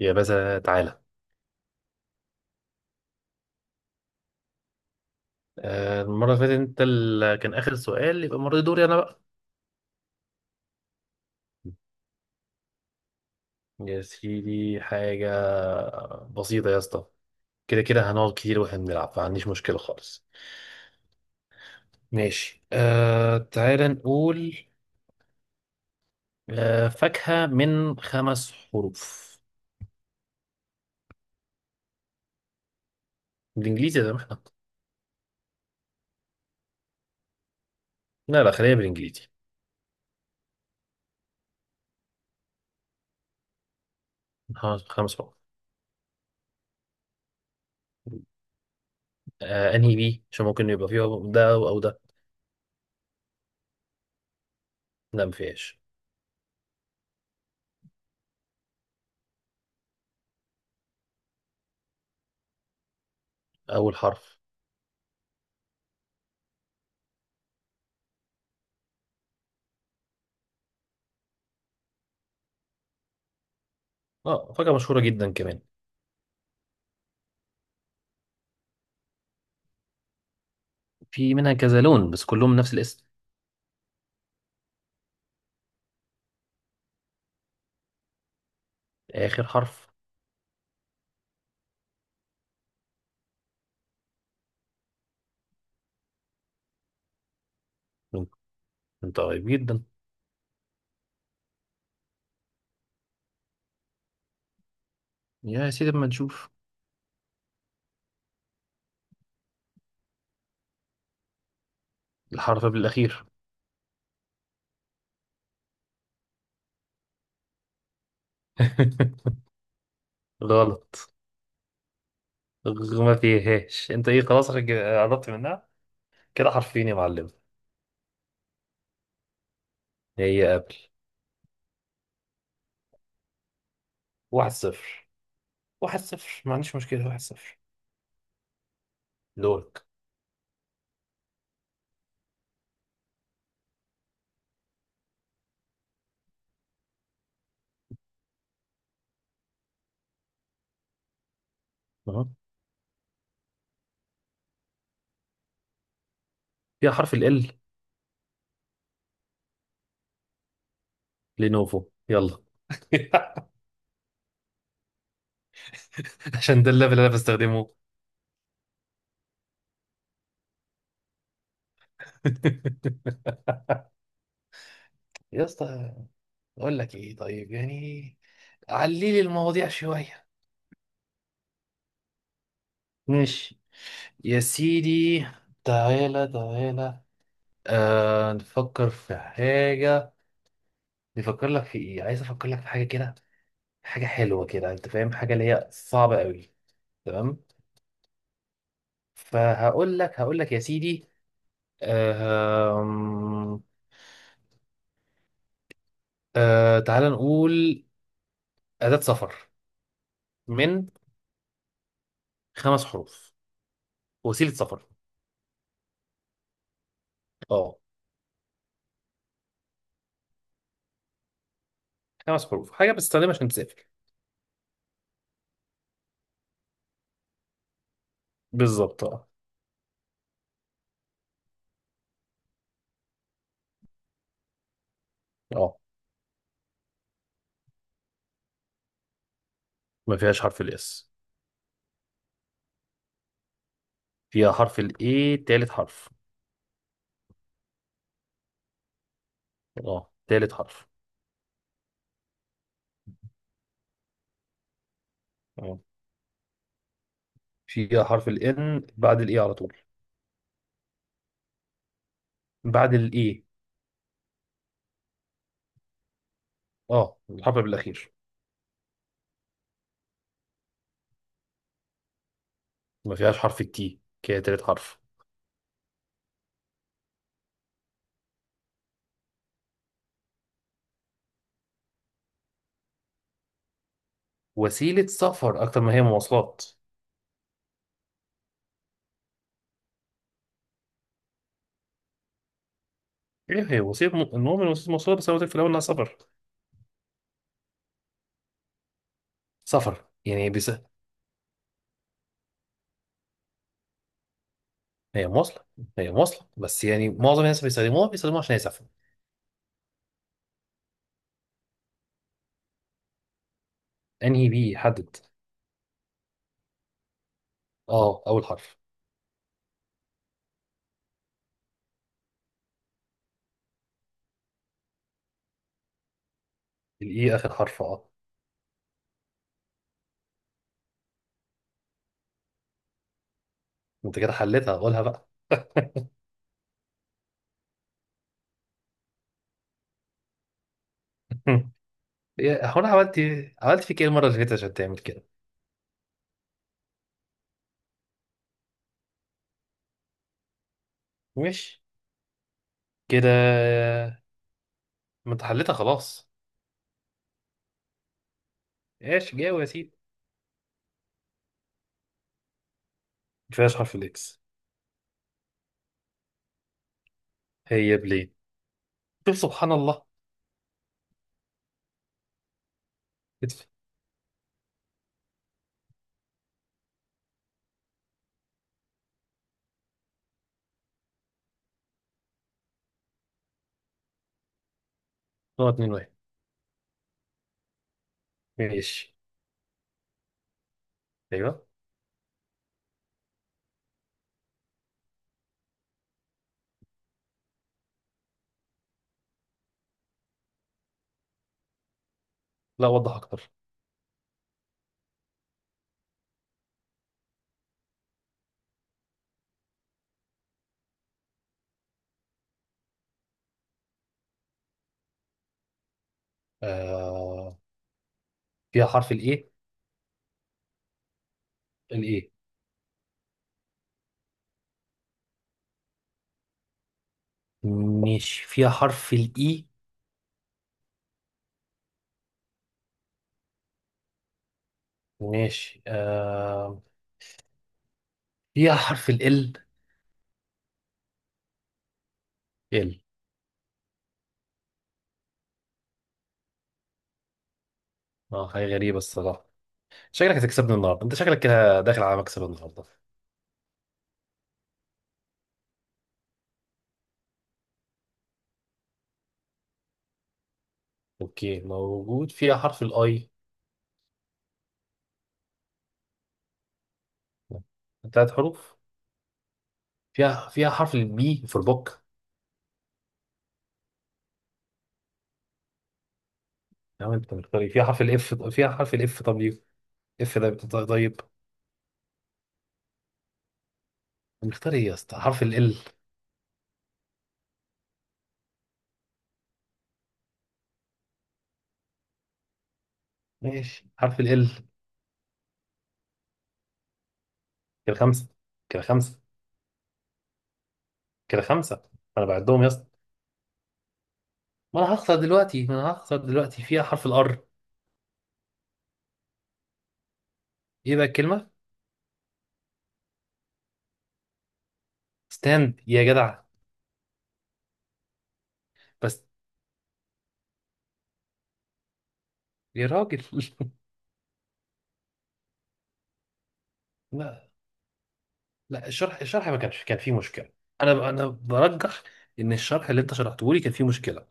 يا باشا تعالى. آه، المرة اللي فاتت انت اللي كان آخر سؤال، يبقى المرة دي دوري انا بقى. يا سيدي حاجة بسيطة يا اسطى. كده كده هنقعد كتير واحنا بنلعب، ما عنديش مشكلة خالص. ماشي، آه تعالى نقول. آه، فاكهة من خمس حروف. بالانجليزي يا احنا. لا خلينا بالانجليزي. ها، خمس حروف. آه انهي بي؟ عشان ممكن يبقى فيها ده او أو ده. لا ما فيهاش. اول حرف. اه، فاكهة مشهورة جدا كمان. في منها كذا لون بس كلهم نفس الاسم. آخر حرف. انت قريب جدا. يا سيدي اما نشوف. الحرف بالأخير. غلط. ما فيهاش. انت ايه خلاص قربت منها. كده حرفين يا معلم. هي قبل. 1-0. 1-0 ما عنديش مشكلة، واحد صفر. دورك. أهو. فيها حرف ال L. لينوفو، يلا. عشان ده الليفل اللي انا بستخدمه. يا اسطى، اقول لك ايه طيب يعني؟ علي لي المواضيع شوية. ماشي يا سيدي، تعالى تعالى. آه نفكر في حاجة. نفكر لك في ايه، عايز افكر لك في حاجة كده. حاجة حلوة كده انت فاهم، حاجة اللي هي صعبة قوي. تمام. فهقول لك يا سيدي. آه. آه تعالى نقول. أداة سفر، من خمس حروف. وسيلة سفر. اه. خمس حروف، حاجة بتستخدمها عشان تسافر. بالظبط اه. اه. ما فيهاش حرف الاس. فيها حرف الايه، تالت حرف. اه تالت حرف. اه، فيها حرف ال N بعد الاي على طول. بعد الاي. اه، الحرف بالاخير. ما فيهاش حرف التي، كده تالت حرف. وسيلة سفر اكتر ما هي مواصلات. ايه، هي وسيلة المؤمن وسيلة مواصلات، بس انا قلت لك في الاول انها سفر. سفر يعني بس. هي مواصلة. هي مواصلة بس يعني معظم الناس بيستخدموها بيستخدموها عشان يسافروا. انهي بي يحدد؟ اه اول حرف. الاي اخر حرف، اه. انت كده حلتها، قولها بقى. إيه، هو انا عملت إيه؟ عملت فيك ايه المرة اللي فاتت عشان تعمل كده؟ ماشي كده. ما انت حلتها خلاص. ايش جاوب يا سيدي؟ ما فيهاش حرف الاكس. هي بلين. شوف سبحان الله. ادفع. نقط 2-1. ماشي. ايوه. لا، وضح اكتر. آه... فيها حرف الايه. الايه. ماشي، فيها حرف الاي. ماشي. فيها حرف ال. ال. اه حاجه غريبه الصراحه. شكلك هتكسبني النهارده، انت شكلك كده داخل على مكسب النهارده. اوكي، موجود. فيها حرف الاي. ثلاث حروف. فيها حرف البي في البوك. يا عم انت مختار ايه؟ فيها حرف الاف. فيها حرف الاف، طب ليه؟ اف ده طيب. مختار ايه يا اسطى؟ حرف ال. ماشي، حرف ال. كده خمسه. كده خمسه. كده خمسه. انا بعدهم يا اسطى. ما انا هخسر دلوقتي، ما انا هخسر دلوقتي. فيها حرف الار. ايه بقى الكلمه؟ ستاند يا جدع. بس يا راجل. لا لا، الشرح الشرح ما كانش كان فيه مشكله. انا برجح ان الشرح اللي انت شرحته لي كان فيه مشكله.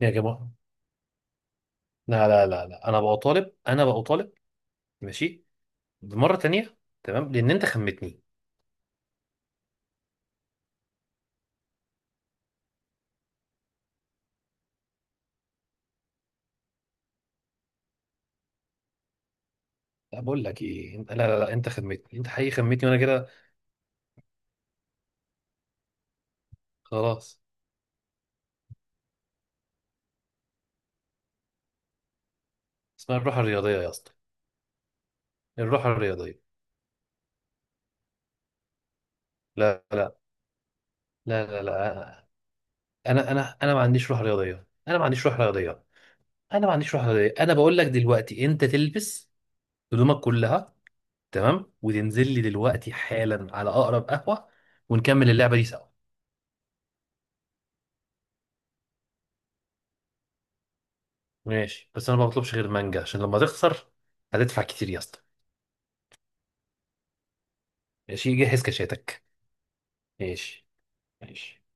يا جماعه، لا لا لا لا، انا بقى طالب، انا بقى طالب. ماشي، مرة تانية. تمام، لأن أنت خمتني. لا بقول لك ايه انت، لا لا لا، انت خدمتني، انت حقيقي خدمتني وانا كده خلاص. اسمها الروح الرياضيه يا اسطى. الروح الرياضيه. لا لا لا لا لا، انا ما عنديش روح رياضيه، انا ما عنديش روح رياضيه. انا ما عنديش روح رياضيه. انا بقول لك دلوقتي انت تلبس هدومك كلها، تمام، وتنزل لي دلوقتي حالا على اقرب قهوه، ونكمل اللعبه دي سوا. ماشي، بس انا ما بطلبش غير مانجا عشان لما تخسر هتدفع كتير يا اسطى. ماشي جهز كشاتك. ماشي ماشي.